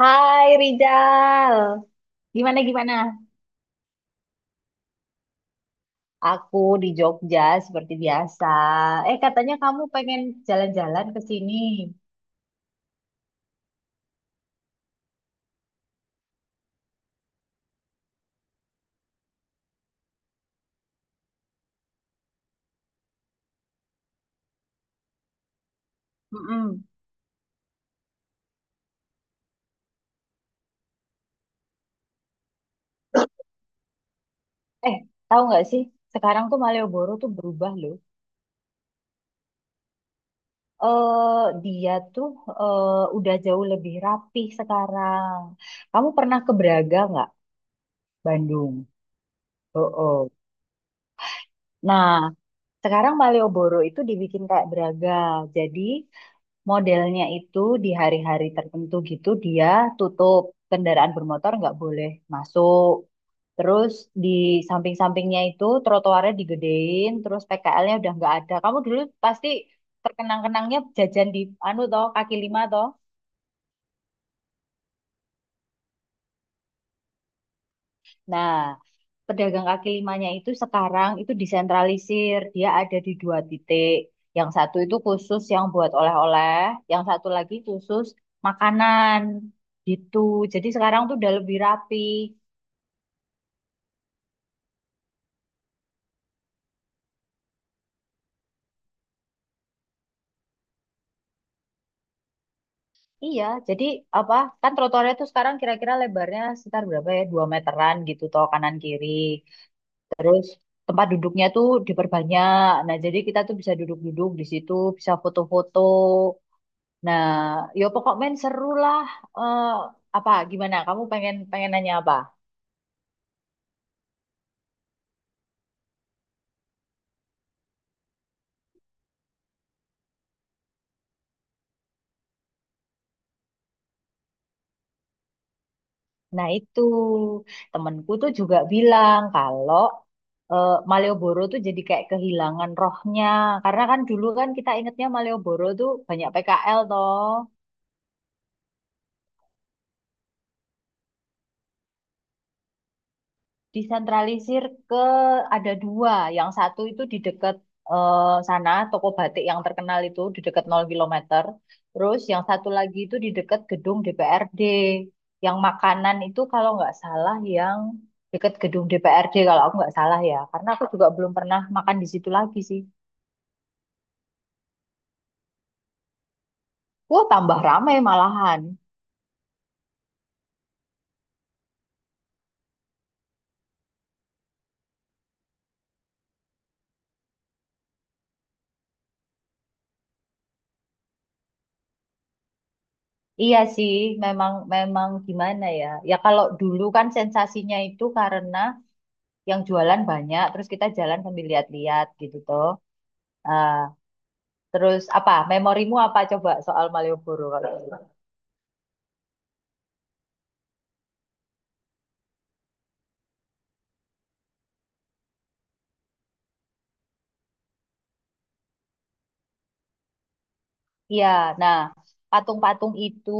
Hai Rizal, gimana gimana? Aku di Jogja seperti biasa. Eh, katanya kamu pengen jalan-jalan ke sini. Mm-mm. Eh, tahu nggak sih? Sekarang tuh Malioboro tuh berubah loh. Eh, dia tuh eh, udah jauh lebih rapih sekarang. Kamu pernah ke Braga nggak? Bandung. Oh, oh. Nah, sekarang Malioboro itu dibikin kayak Braga. Jadi, modelnya itu di hari-hari tertentu gitu dia tutup, kendaraan bermotor nggak boleh masuk. Terus di samping-sampingnya itu trotoarnya digedein, terus PKL-nya udah nggak ada. Kamu dulu pasti terkenang-kenangnya jajan di anu toh, kaki lima toh. Nah, pedagang kaki limanya itu sekarang itu disentralisir. Dia ada di dua titik. Yang satu itu khusus yang buat oleh-oleh, yang satu lagi khusus makanan gitu. Jadi sekarang tuh udah lebih rapi. Iya, jadi apa? Kan trotoarnya tuh sekarang kira-kira lebarnya sekitar berapa ya? 2 meteran gitu toh kanan kiri. Terus tempat duduknya tuh diperbanyak. Nah, jadi kita tuh bisa duduk-duduk di situ, bisa foto-foto. Nah, yo pokoknya seru lah. Eh, apa gimana? Kamu pengen pengen nanya apa? Nah, itu temenku tuh juga bilang kalau Malioboro tuh jadi kayak kehilangan rohnya. Karena kan dulu kan kita ingetnya Malioboro tuh banyak PKL toh. Disentralisir ke ada dua. Yang satu itu di dekat sana, toko batik yang terkenal itu di dekat 0 kilometer. Terus yang satu lagi itu di dekat gedung DPRD. Yang makanan itu kalau nggak salah yang dekat gedung DPRD kalau aku nggak salah ya. Karena aku juga belum pernah makan di situ lagi sih. Wah, tambah ramai malahan. Iya sih, memang memang gimana ya? Ya kalau dulu kan sensasinya itu karena yang jualan banyak terus kita jalan sambil lihat-lihat gitu toh. Ah, terus apa memorimu apa coba soal Malioboro kalau gitu? Iya, nah, patung-patung itu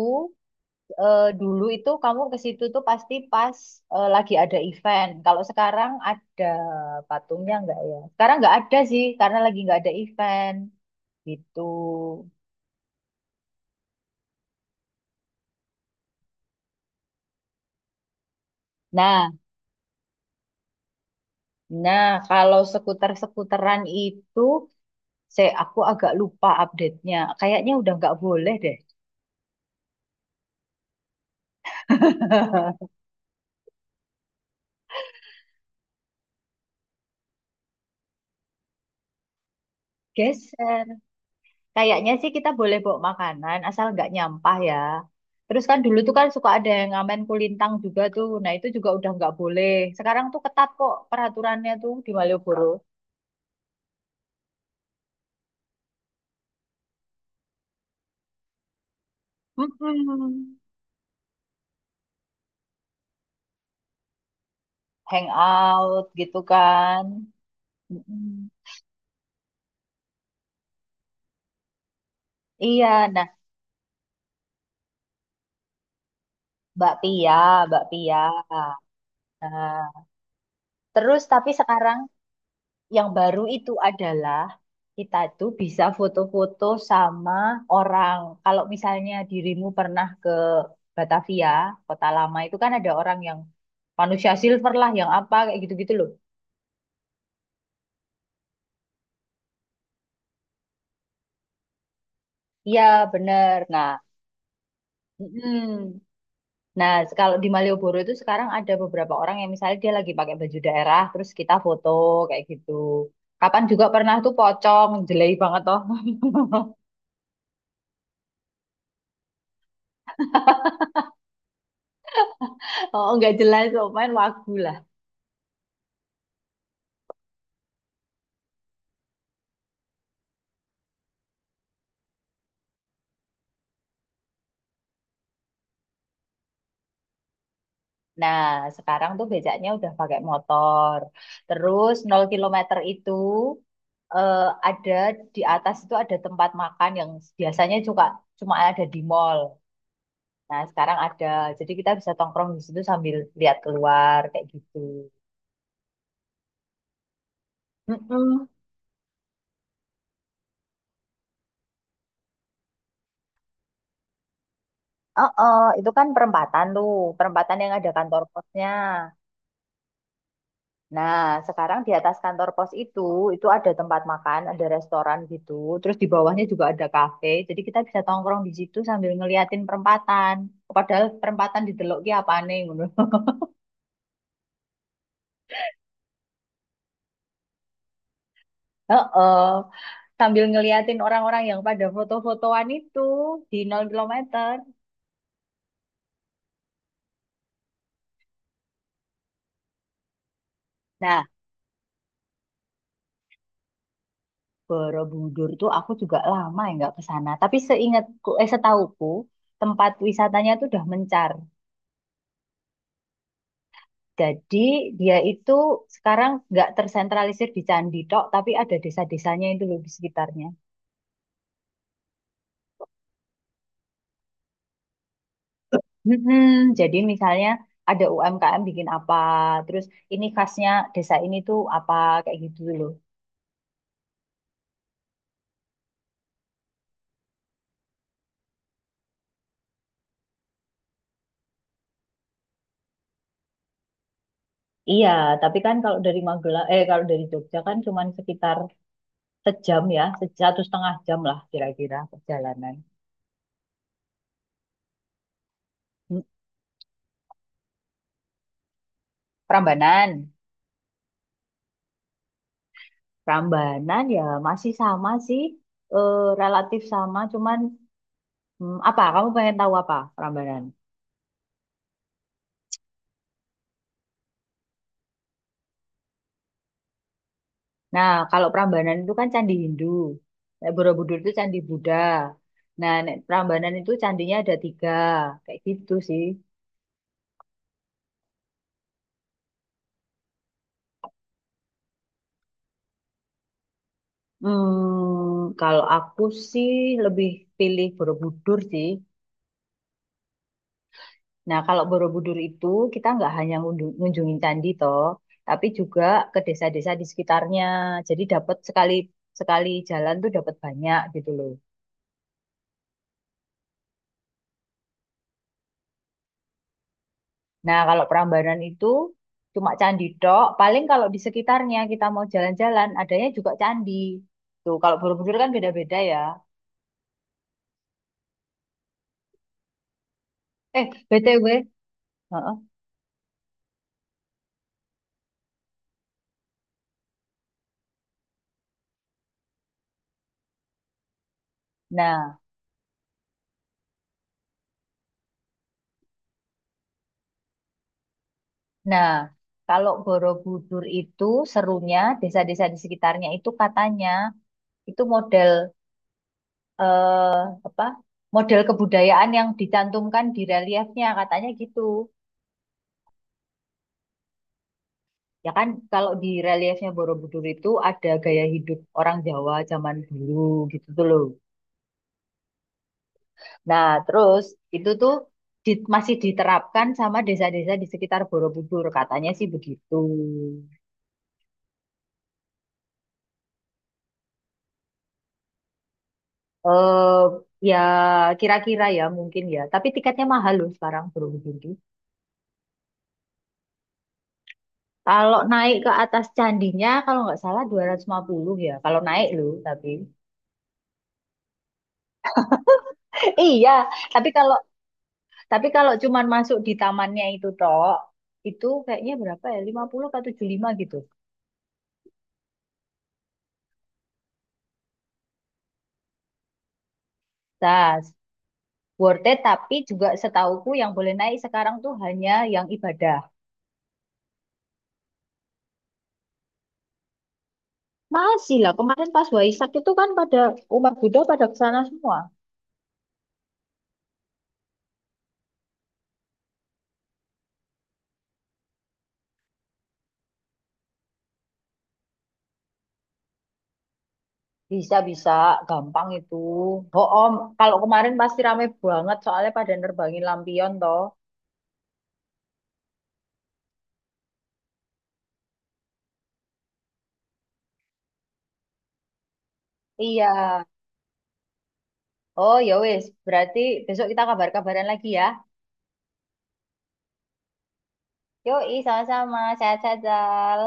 dulu itu kamu ke situ tuh pasti pas lagi ada event. Kalau sekarang ada patungnya nggak ya, sekarang nggak ada sih karena lagi nggak ada event gitu. Nah, nah, kalau skuter-skuteran itu aku agak lupa update-nya, kayaknya udah nggak boleh deh. Geser. Kayaknya sih kita boleh bawa makanan asal nggak nyampah ya. Terus kan dulu tuh kan suka ada yang ngamen kulintang juga tuh. Nah, itu juga udah nggak boleh. Sekarang tuh ketat kok peraturannya tuh di Malioboro. Mm-mm. Hangout gitu kan. Mm-mm. Iya, nah, Mbak Pia, Mbak Pia. Nah, terus tapi sekarang yang baru itu adalah kita tuh bisa foto-foto sama orang. Kalau misalnya dirimu pernah ke Batavia, kota lama itu kan ada orang yang manusia silver lah, yang apa kayak gitu-gitu loh. Iya, bener. Nah, mm nah, kalau di Malioboro itu sekarang ada beberapa orang yang misalnya dia lagi pakai baju daerah, terus kita foto kayak gitu. Kapan juga pernah tuh pocong, jelek banget toh. Oh, nggak jelas, oh, main wagu lah. Nah, sekarang tuh becaknya udah pakai motor. Terus nol kilometer itu eh, ada, di atas itu ada tempat makan yang biasanya juga cuma ada di mall. Nah, sekarang ada. Jadi kita bisa tongkrong di situ sambil lihat keluar kayak gitu. Mm-mm. Oh, oh, itu kan perempatan tuh, perempatan yang ada kantor posnya. Nah, sekarang di atas kantor pos itu ada tempat makan, ada restoran gitu. Terus di bawahnya juga ada kafe. Jadi kita bisa tongkrong di situ sambil ngeliatin perempatan. Padahal perempatan di Delok ki apa nih? Ngono. Heeh. Sambil ngeliatin orang-orang yang pada foto-fotoan itu di 0 kilometer. Nah, Borobudur tuh aku juga lama ya nggak ke sana. Tapi seingatku, eh setauku, tempat wisatanya tuh udah mencar. Jadi dia itu sekarang nggak tersentralisir di candi tok, tapi ada desa-desanya itu loh di sekitarnya. Mm-mm. Jadi misalnya ada UMKM bikin apa, terus ini khasnya desa ini tuh apa kayak gitu loh. Iya, tapi kan kalau dari Jogja kan cuma sekitar sejam ya, 1,5 jam lah kira-kira perjalanan. Hmm, Prambanan, Prambanan ya masih sama sih, eh, relatif sama, cuman apa? Kamu pengen tahu apa Prambanan? Nah, kalau Prambanan itu kan candi Hindu. Nek Borobudur itu candi Buddha. Nah, nek Prambanan itu candinya ada tiga, kayak gitu sih. Hmm, kalau aku sih lebih pilih Borobudur sih. Nah, kalau Borobudur itu kita nggak hanya ngunjungin candi toh, tapi juga ke desa-desa di sekitarnya. Jadi dapat sekali sekali jalan tuh dapat banyak gitu loh. Nah, kalau Prambanan itu cuma candi tok. Paling kalau di sekitarnya kita mau jalan-jalan, adanya juga candi. Tuh, kalau Borobudur kan beda-beda ya. Eh, BTW. Heeh. Nah, nah, kalau Borobudur itu serunya desa-desa di sekitarnya itu katanya itu model apa? Model kebudayaan yang dicantumkan di reliefnya katanya gitu. Ya kan kalau di reliefnya Borobudur itu ada gaya hidup orang Jawa zaman dulu gitu tuh loh. Nah, terus itu tuh masih diterapkan sama desa-desa di sekitar Borobudur, katanya sih begitu. Eh, ya kira-kira ya mungkin ya. Tapi tiketnya mahal loh sekarang Borobudur tuh. Kalau naik ke atas candinya, kalau nggak salah 250 ya. Kalau naik loh, tapi iya. Tapi kalau tapi kalau cuman masuk di tamannya itu toh, itu kayaknya berapa ya? 50 ke 75 gitu. Tas. Worth it, tapi juga setauku yang boleh naik sekarang tuh hanya yang ibadah. Masih lah, kemarin pas Waisak itu kan pada umat Buddha pada ke sana semua. Bisa-bisa, gampang itu. Oh, om, kalau kemarin pasti rame banget soalnya pada nerbangin lampion toh. Iya. Oh, ya wis, berarti besok kita kabar-kabaran lagi ya. Yoi, sama-sama. Sehat-sehat, Zal.